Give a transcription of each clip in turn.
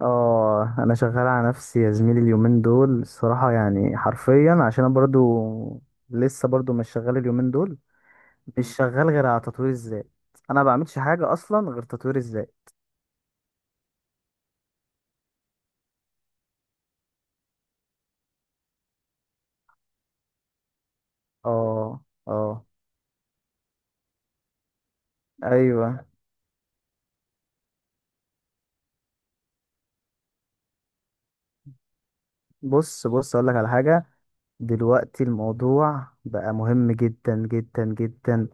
اه، انا شغال على نفسي يا زميلي اليومين دول الصراحة، يعني حرفيا عشان انا برضو لسه برضو مش شغال اليومين دول. مش شغال غير على تطوير الذات. انا ما بعملش حاجة اصلا غير تطوير الذات. اه اه ايوه. بص بص اقول لك على حاجة. دلوقتي الموضوع بقى مهم جدا جدا جدا،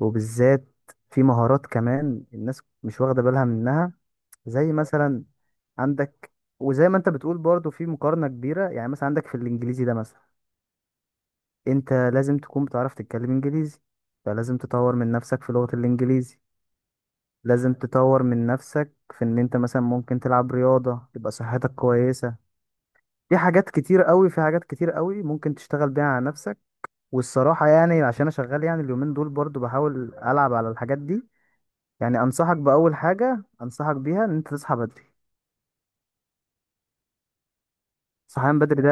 وبالذات في مهارات كمان الناس مش واخدة بالها منها. زي مثلا عندك، وزي ما انت بتقول برضو في مقارنة كبيرة، يعني مثلا عندك في الانجليزي ده مثلا، انت لازم تكون بتعرف تتكلم انجليزي، فلازم تطور من نفسك في لغة الانجليزي. لازم تطور من نفسك في ان انت مثلا ممكن تلعب رياضة تبقى صحتك كويسة. في حاجات كتير قوي ممكن تشتغل بيها على نفسك. والصراحة يعني عشان انا شغال يعني اليومين دول برضو بحاول العب على الحاجات دي. يعني انصحك باول حاجة انصحك بيها ان انت تصحى بدري. صحيان بدري ده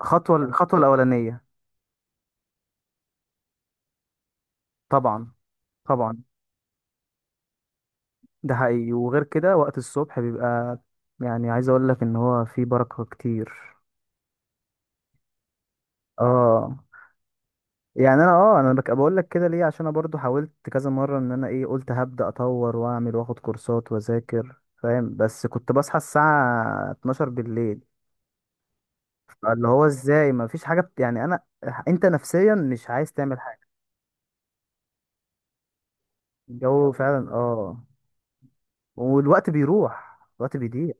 خطوة، الخطوة الأولانية. طبعا طبعا. ده حقيقي. وغير كده وقت الصبح بيبقى، يعني عايز أقول لك إن هو فيه بركة كتير. اه، يعني أنا أنا بقول لك كده ليه؟ عشان أنا برضو حاولت كذا مرة إن أنا قلت هبدأ أطور وأعمل وآخد كورسات وأذاكر، فاهم؟ بس كنت بصحى الساعة 12 بالليل. فاللي هو إزاي مفيش حاجة يعني أنا، أنت نفسيا مش عايز تعمل حاجة. الجو فعلا اه. والوقت بيروح، الوقت بيضيع.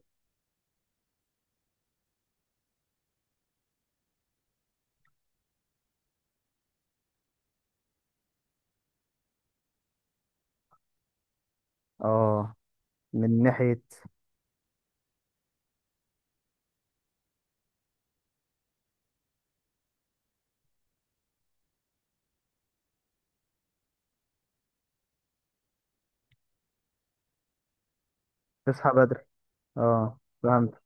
اه، من ناحية. تصحى بدري. اه فهمت.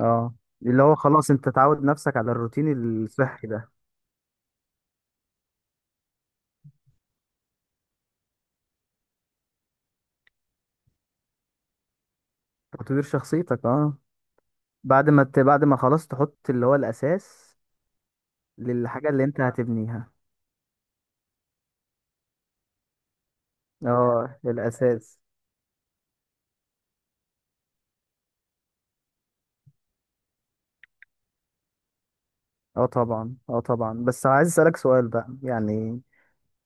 اه، اللي هو خلاص انت تعود نفسك على الروتين الصحي ده. تطوير شخصيتك اه. بعد ما بعد ما خلاص تحط اللي هو الأساس للحاجة اللي انت هتبنيها. اه الأساس. اه طبعا اه طبعا، بس عايز أسألك سؤال بقى، يعني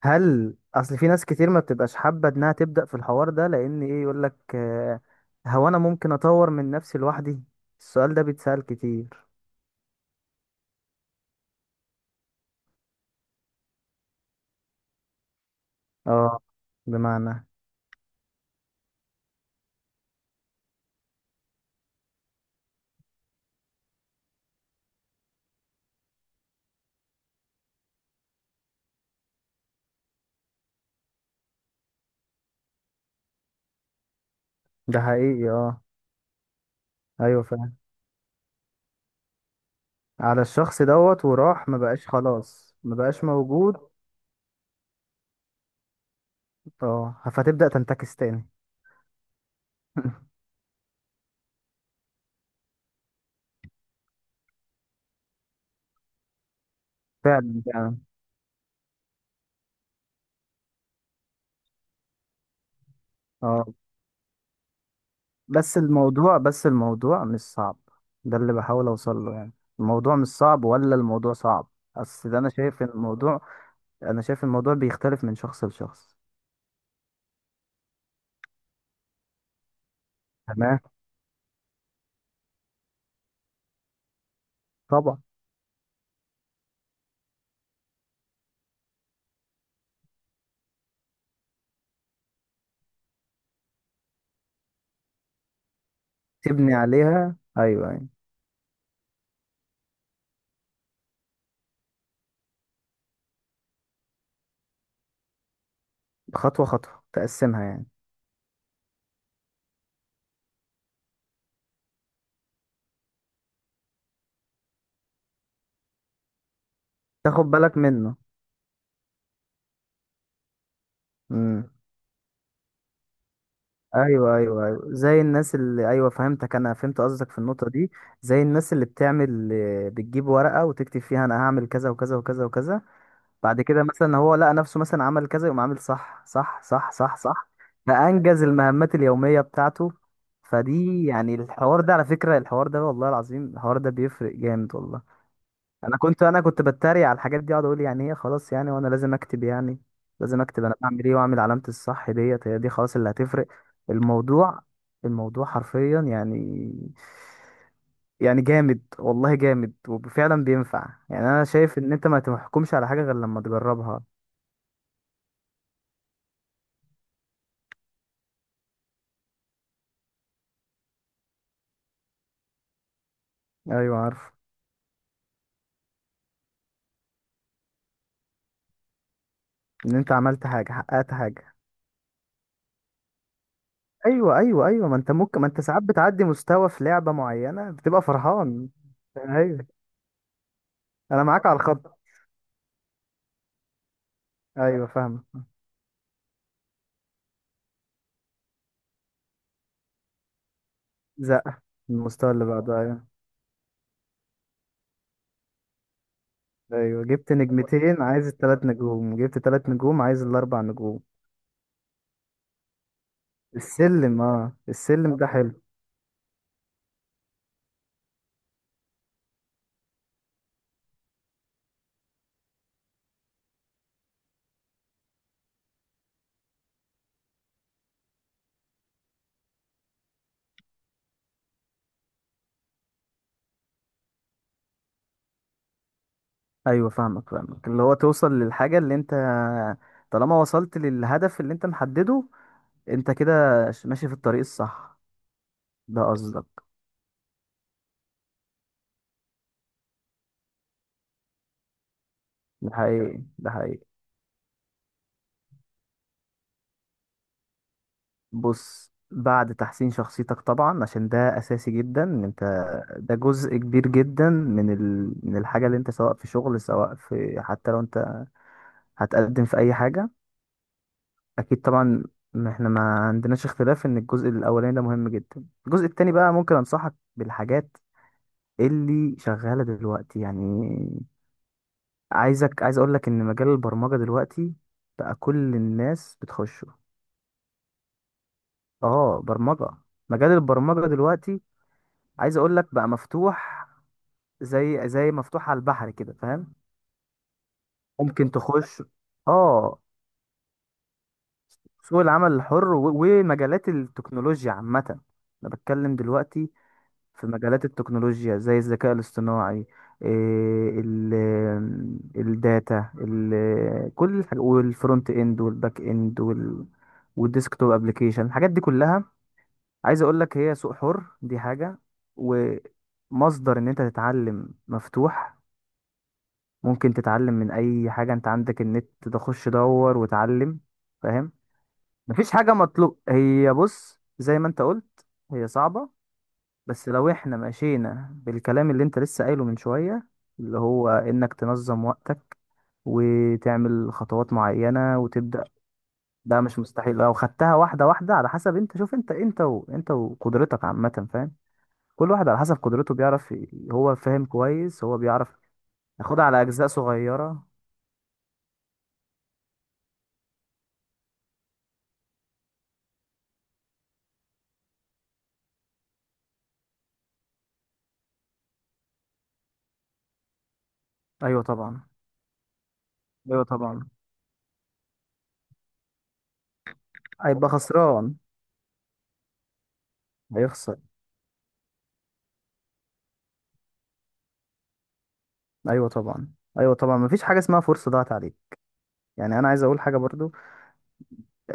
هل أصل في ناس كتير ما بتبقاش حابة إنها تبدأ في الحوار ده، لأن يقولك هو أنا ممكن أطور من نفسي لوحدي؟ السؤال ده بيتسأل كتير. اه، بمعنى. ده حقيقي اه. ايوه فعلا. على الشخص دوت وراح، ما بقاش خلاص، ما بقاش موجود. اه فتبدأ تنتكس تاني. فعلا فعلا. اه بس الموضوع، بس الموضوع مش صعب. ده اللي بحاول اوصل له يعني. الموضوع مش صعب ولا الموضوع صعب؟ اصل ده انا شايف إن الموضوع، انا شايف الموضوع بيختلف من شخص لشخص. تمام. طبعا. تبني عليها ايوه يعني. خطوة خطوة تقسمها يعني. تاخد بالك منه. مم. ايوه ايوه ايوه. زي الناس اللي ايوه، فهمتك، انا فهمت قصدك في النقطه دي. زي الناس اللي بتعمل بتجيب ورقه وتكتب فيها انا هعمل كذا وكذا وكذا وكذا. بعد كده مثلا هو لقى نفسه مثلا عمل كذا، يقوم عامل صح صح صح صح صح، فانجز المهمات اليوميه بتاعته. فدي يعني، الحوار ده على فكره، الحوار ده والله العظيم الحوار ده بيفرق جامد والله. انا كنت بتريق على الحاجات دي، اقعد اقول يعني هي خلاص يعني، وانا لازم اكتب يعني؟ لازم اكتب انا بعمل ايه واعمل علامة الصح ديت، هي دي خلاص اللي هتفرق؟ الموضوع الموضوع حرفيا يعني، يعني جامد والله جامد، وفعلا بينفع. يعني انا شايف ان انت ما تحكمش على حاجة غير لما تجربها. ايوه عارف. ان انت عملت حاجة، حققت حاجة. ايوه ايوه ايوه، ما انت ممكن، ما انت ساعات بتعدي مستوى في لعبة معينة بتبقى فرحان. ايوه. انا معاك على الخط. ايوه فاهم. زق المستوى اللي بعده ايوه. ايوه جبت هو نجمتين عايز التلات نجوم، جبت تلات نجوم عايز الاربع نجوم. السلم اه، السلم ده حلو. ايوه فاهمك فاهمك، اللي هو توصل للحاجة اللي انت، طالما وصلت للهدف اللي انت محدده، انت كده ماشي في الطريق الصح. ده قصدك. ده حقيقي ده حقيقي. بص، بعد تحسين شخصيتك طبعا عشان ده اساسي جدا إن انت، ده جزء كبير جدا من من الحاجة اللي انت سواء في شغل سواء في، حتى لو انت هتقدم في اي حاجه. اكيد طبعا. ما احنا ما عندناش اختلاف ان الجزء الاولاني ده مهم جدا. الجزء التاني بقى ممكن انصحك بالحاجات اللي شغاله دلوقتي يعني. عايزك، عايز اقول لك ان مجال البرمجه دلوقتي بقى كل الناس بتخشه. اه، برمجه. مجال البرمجه دلوقتي عايز اقول لك بقى مفتوح، زي مفتوح على البحر كده، فاهم؟ ممكن تخش. اه، سوق العمل الحر ومجالات التكنولوجيا عامه. انا بتكلم دلوقتي في مجالات التكنولوجيا زي الذكاء الاصطناعي، ال الداتا ال كل الحاجة والفرونت اند والباك اند وال والديسكتوب ابلكيشن، الحاجات دي كلها عايز اقول لك هي سوق حر. دي حاجة. ومصدر ان انت تتعلم مفتوح، ممكن تتعلم من اي حاجة، انت عندك النت تخش دور وتعلم، فاهم؟ مفيش حاجة مطلوب. هي بص زي ما انت قلت، هي صعبة، بس لو احنا مشينا بالكلام اللي انت لسه قايله من شوية، اللي هو انك تنظم وقتك وتعمل خطوات معينة وتبدأ، ده مش مستحيل. لو خدتها واحدة واحدة على حسب انت، شوف انت، انت انت وقدرتك عامة، فاهم؟ كل واحد على حسب قدرته بيعرف هو فاهم كويس هو بيعرف ياخدها على أجزاء صغيرة. أيوة طبعا. أيوة طبعا. هيبقى خسران. هيخسر. أيوة طبعا. أيوة طبعا، مفيش حاجة اسمها فرصة ضاعت عليك. يعني أنا عايز أقول حاجة برضو،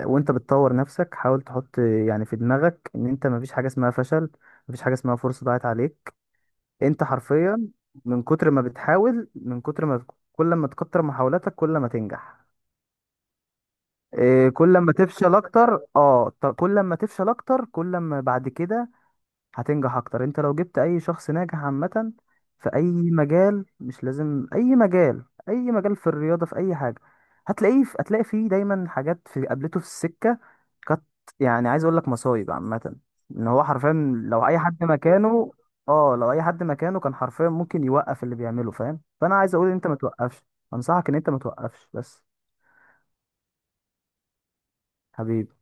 وانت بتطور نفسك حاول تحط يعني في دماغك ان انت، مفيش حاجة اسمها فشل، مفيش حاجة اسمها فرصة ضاعت عليك. انت حرفيا من كتر ما بتحاول، من كتر ما، كل ما تكتر محاولاتك كل ما تنجح. كل ما تفشل اكتر اه، كل ما تفشل اكتر كل ما بعد كده هتنجح اكتر. انت لو جبت اي شخص ناجح عامة في اي مجال، مش لازم اي مجال، اي مجال في الرياضة، في اي حاجة، هتلاقيه هتلاقي فيه دايما حاجات في قابلته في السكة كانت، يعني عايز اقول لك مصايب عامة، ان هو حرفيا لو اي حد مكانه، اه لو اي حد مكانه كان حرفيا ممكن يوقف اللي بيعمله، فاهم؟ فانا عايز اقول ان انت ما توقفش. انصحك ان انت ما توقفش بس. حبيبي.